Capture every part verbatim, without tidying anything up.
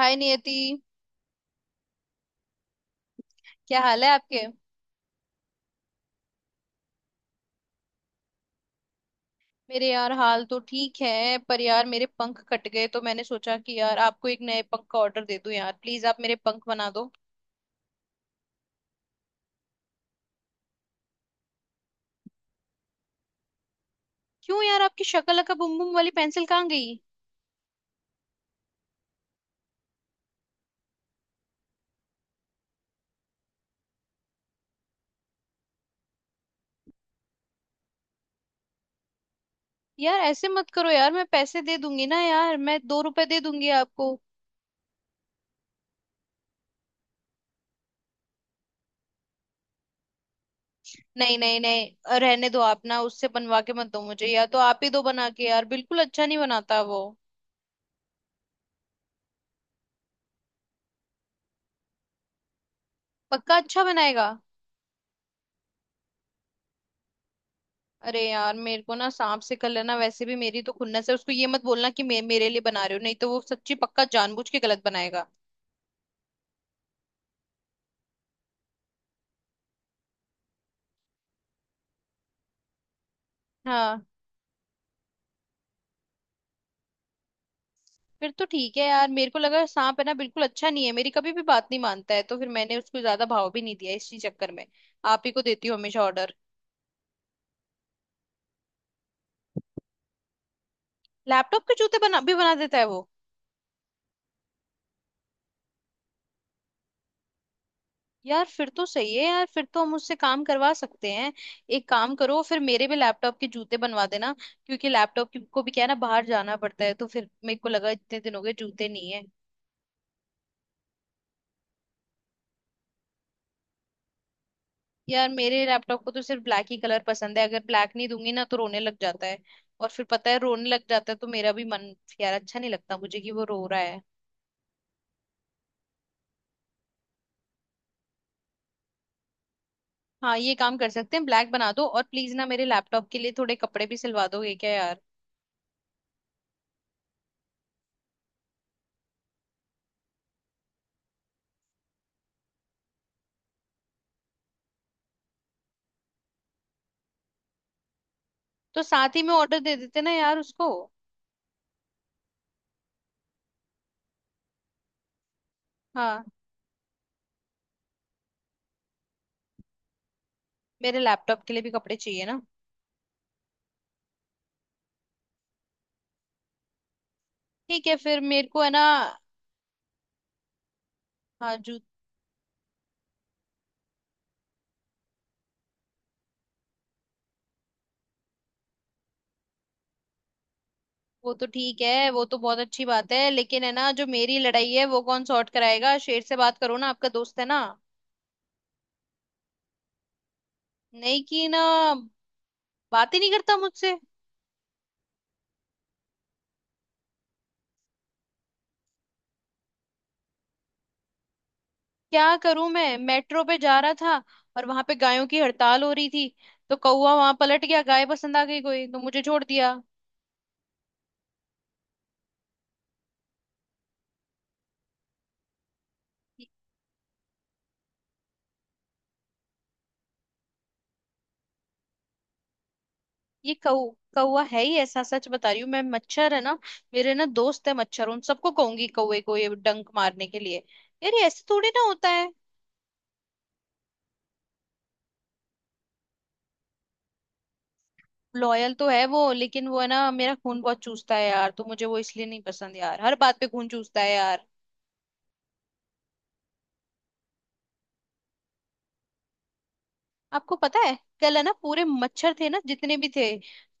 हाय नियति। क्या हाल है आपके। मेरे यार हाल तो ठीक है पर यार मेरे पंख कट गए तो मैंने सोचा कि यार आपको एक नए पंख का ऑर्डर दे दूं यार प्लीज आप मेरे पंख बना दो। क्यों यार आपकी शक्ल अका बुम बुम वाली पेंसिल कहाँ गई। यार ऐसे मत करो यार मैं पैसे दे दूंगी ना यार मैं दो रुपए दे दूंगी आपको। नहीं नहीं नहीं रहने दो आप ना उससे बनवा के मत दो मुझे या तो आप ही दो बना के यार बिल्कुल अच्छा नहीं बनाता वो। पक्का अच्छा बनाएगा। अरे यार मेरे को ना सांप से कर लेना वैसे भी मेरी तो खुन्नस है उसको ये मत बोलना कि मे, मेरे लिए बना रहे हो नहीं तो वो सच्ची पक्का जानबूझ के गलत बनाएगा। हाँ। फिर तो ठीक है यार मेरे को लगा सांप है ना बिल्कुल अच्छा नहीं है मेरी कभी भी बात नहीं मानता है तो फिर मैंने उसको ज्यादा भाव भी नहीं दिया इसी चक्कर में। आप ही को देती हूँ हमेशा ऑर्डर। लैपटॉप के जूते बना भी बना देता है वो। यार फिर तो सही है यार फिर तो हम उससे काम करवा सकते हैं। एक काम करो फिर मेरे भी लैपटॉप के जूते बनवा देना। क्योंकि लैपटॉप की- को भी क्या है ना बाहर जाना पड़ता है तो फिर मेरे को लगा इतने दिन हो गए जूते नहीं है। यार मेरे लैपटॉप को तो सिर्फ ब्लैक ही कलर पसंद है अगर ब्लैक नहीं दूंगी ना तो रोने लग जाता है। और फिर पता है रोने लग जाता है तो मेरा भी मन यार अच्छा नहीं लगता मुझे कि वो रो रहा है। हाँ ये काम कर सकते हैं ब्लैक बना दो और प्लीज ना मेरे लैपटॉप के लिए थोड़े कपड़े भी सिलवा दोगे क्या यार। तो साथ ही में ऑर्डर दे देते ना यार उसको। हाँ मेरे लैपटॉप के लिए भी कपड़े चाहिए ना। ठीक है फिर मेरे को है ना। हाँ जू वो तो ठीक है वो तो बहुत अच्छी बात है लेकिन है ना जो मेरी लड़ाई है वो कौन सॉर्ट कराएगा शेर से बात करो ना आपका दोस्त है ना। नहीं कि ना। बात ही नहीं करता मुझसे। क्या करूं मैं मेट्रो पे जा रहा था और वहां पे गायों की हड़ताल हो रही थी तो कौवा वहां पलट गया गाय पसंद आ गई कोई तो मुझे छोड़ दिया। ये ये कौ कौवा है ही ऐसा सच बता रही हूँ मैं मच्छर है ना। मेरे ना दोस्त है मच्छर उन सबको कहूंगी कौवे को ये डंक मारने के लिए। यार ये ऐसे थोड़ी ना होता है। लॉयल तो है वो लेकिन वो है ना मेरा खून बहुत चूसता है यार तो मुझे वो इसलिए नहीं पसंद यार हर बात पे खून चूसता है यार। आपको पता है कल है ना पूरे मच्छर थे ना जितने भी थे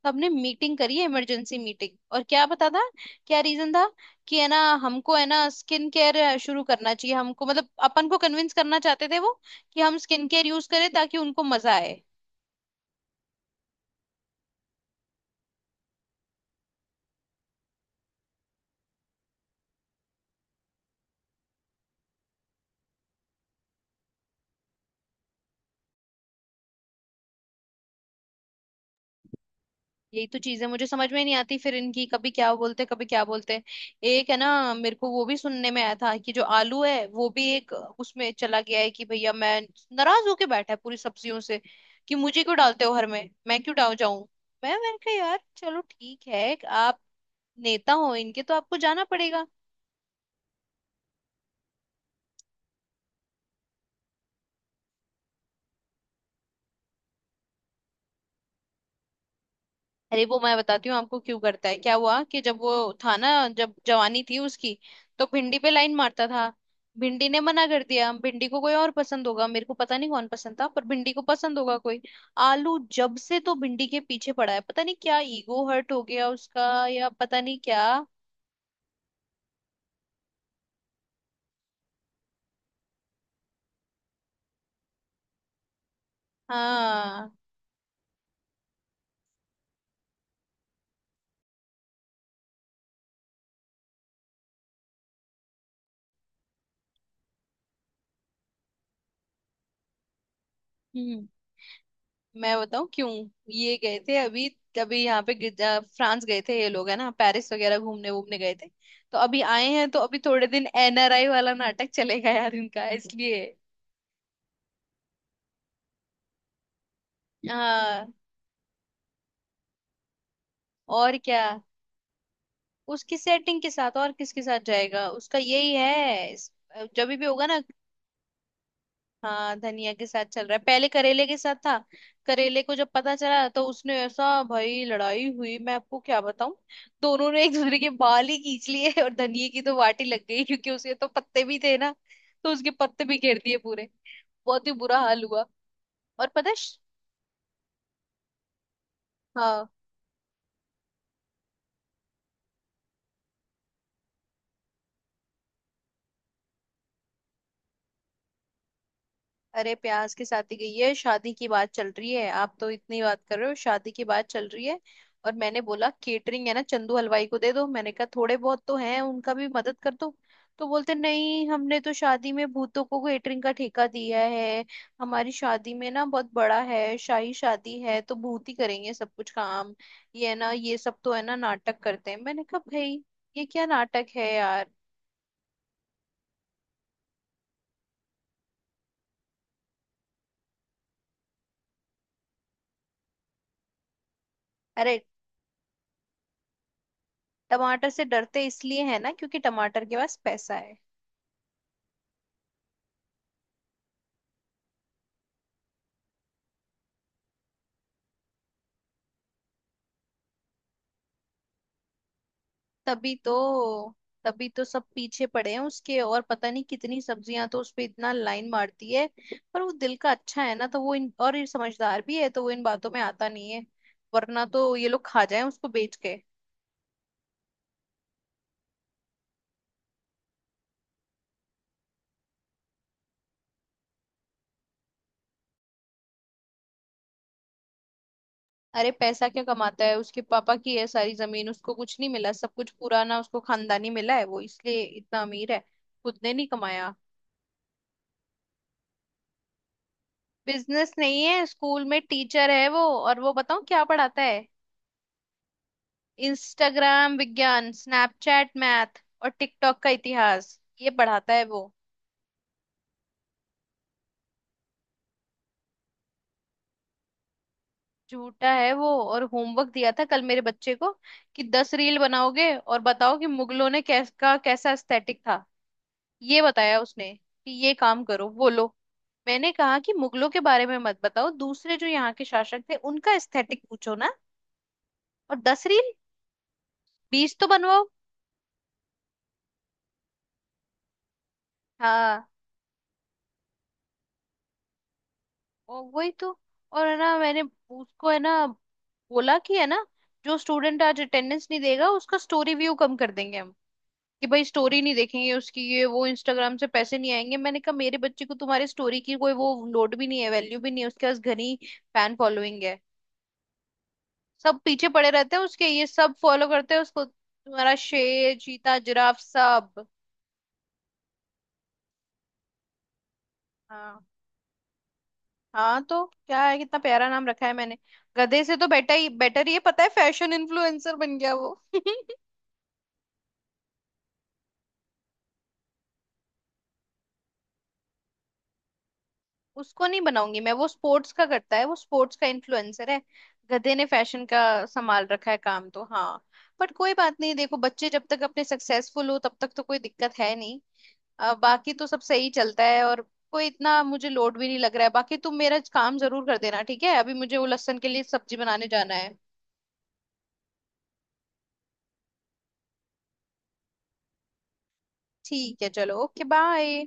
सबने मीटिंग करी है इमरजेंसी मीटिंग और क्या पता था क्या रीजन था कि है ना हमको है ना स्किन केयर शुरू करना चाहिए हमको मतलब अपन को कन्विंस करना चाहते थे वो कि हम स्किन केयर यूज करें ताकि उनको मजा आए। यही तो चीजें मुझे समझ में नहीं आती फिर इनकी कभी क्या बोलते कभी क्या बोलते। एक है ना मेरे को वो भी सुनने में आया था कि जो आलू है वो भी एक उसमें चला गया है कि भैया मैं नाराज होके बैठा है पूरी सब्जियों से कि मुझे क्यों डालते हो हर में मैं क्यों डाल जाऊं। मैं मैंने कहा यार चलो ठीक है आप नेता हो इनके तो आपको जाना पड़ेगा। अरे वो मैं बताती हूँ आपको क्यों करता है क्या हुआ कि जब वो था ना जब जवानी थी उसकी तो भिंडी पे लाइन मारता था भिंडी ने मना कर दिया भिंडी को कोई और पसंद होगा मेरे को पता नहीं कौन पसंद था पर भिंडी को पसंद होगा कोई। आलू जब से तो भिंडी के पीछे पड़ा है पता नहीं क्या ईगो हर्ट हो गया उसका या पता नहीं क्या। हाँ। हम्म मैं बताऊं क्यों। ये गए थे अभी अभी यहाँ पे गिर- अ, फ्रांस गए थे ये लोग है ना पेरिस वगैरह घूमने वूमने गए थे। तो अभी आए हैं तो अभी थोड़े दिन एन आर आई वाला नाटक चलेगा यार इनका इसलिए। हाँ और क्या उसकी सेटिंग के साथ और किसके साथ जाएगा उसका यही है इस- जब भी होगा ना। हाँ धनिया के साथ चल रहा है पहले करेले के साथ था। करेले को जब पता चला तो उसने ऐसा भाई लड़ाई हुई मैं आपको क्या बताऊं। दोनों ने एक दूसरे के बाल ही खींच लिए और धनिये की तो वाटी लग गई क्योंकि उसके तो पत्ते भी थे ना। तो उसके पत्ते भी घेर दिए पूरे। बहुत ही बुरा हाल हुआ। और पता है श- हाँ। अरे प्यास की शादी गई है शादी की बात चल रही है आप तो इतनी बात कर रहे हो शादी की बात चल रही है। और मैंने बोला केटरिंग है ना चंदू हलवाई को दे दो मैंने कहा थोड़े बहुत तो हैं उनका भी मदद कर दो। तो बोलते नहीं हमने तो शादी में भूतों को केटरिंग का ठेका दिया है। हमारी शादी में ना बहुत बड़ा है शाही शादी है तो भूत ही करेंगे सब कुछ काम। ये है ना ये सब तो है ना नाटक करते हैं मैंने कहा भाई ये क्या नाटक है यार। अरे टमाटर से डरते इसलिए है ना क्योंकि टमाटर के पास पैसा है। तभी तो। तभी तो सब पीछे पड़े हैं उसके और पता नहीं कितनी सब्जियां तो उस पे इतना लाइन मारती है। पर वो दिल का अच्छा है ना तो वो इन और ये समझदार भी है तो वो इन बातों में आता नहीं है वरना तो ये लोग खा जाए उसको बेच के। अरे पैसा क्या कमाता है उसके पापा की है सारी जमीन उसको कुछ नहीं मिला सब कुछ पुराना उसको खानदानी मिला है वो इसलिए इतना अमीर है खुद ने नहीं कमाया। बिजनेस नहीं है स्कूल में टीचर है वो और वो बताऊं क्या पढ़ाता है। इंस्टाग्राम विज्ञान स्नैपचैट मैथ और टिकटॉक का इतिहास ये पढ़ाता है वो। झूठा है वो और होमवर्क दिया था कल मेरे बच्चे को कि दस रील बनाओगे और बताओ कि मुगलों ने कैस, का कैसा एस्थेटिक था। ये बताया उसने कि ये काम करो बोलो। मैंने कहा कि मुगलों के बारे में मत बताओ दूसरे जो यहाँ के शासक थे उनका एस्थेटिक पूछो ना। और दस रील बीस तो बनवाओ। हाँ और वही तो और है ना मैंने उसको है ना बोला कि है ना जो स्टूडेंट आज अटेंडेंस नहीं देगा उसका स्टोरी व्यू कम कर देंगे हम कि भाई स्टोरी नहीं देखेंगे उसकी ये वो इंस्टाग्राम से पैसे नहीं आएंगे मैंने कहा मेरे बच्चे को तुम्हारी स्टोरी की कोई वो लोड भी नहीं है वैल्यू भी नहीं है उसके पास घनी फैन फॉलोइंग है। सब पीछे पड़े रहते हैं उसके ये सब फॉलो करते हैं उसको तुम्हारा शेर चीता जिराफ सब। हाँ हाँ तो क्या है कितना प्यारा नाम रखा है मैंने। गधे से तो बेटा ही बेटर ही है पता है फैशन इन्फ्लुएंसर बन गया वो उसको नहीं बनाऊंगी मैं वो स्पोर्ट्स का करता है वो स्पोर्ट्स का इन्फ्लुएंसर है। गधे ने फैशन का संभाल रखा है काम तो हाँ। बट कोई बात नहीं देखो बच्चे जब तक अपने सक्सेसफुल हो तब तक तो कोई दिक्कत है नहीं। अ, बाकी तो सब सही चलता है और कोई इतना मुझे लोड भी नहीं लग रहा है बाकी तुम मेरा काम जरूर कर देना ठीक है अभी मुझे वो लहसुन के लिए सब्जी बनाने जाना है। ठीक है चलो ओके बाय।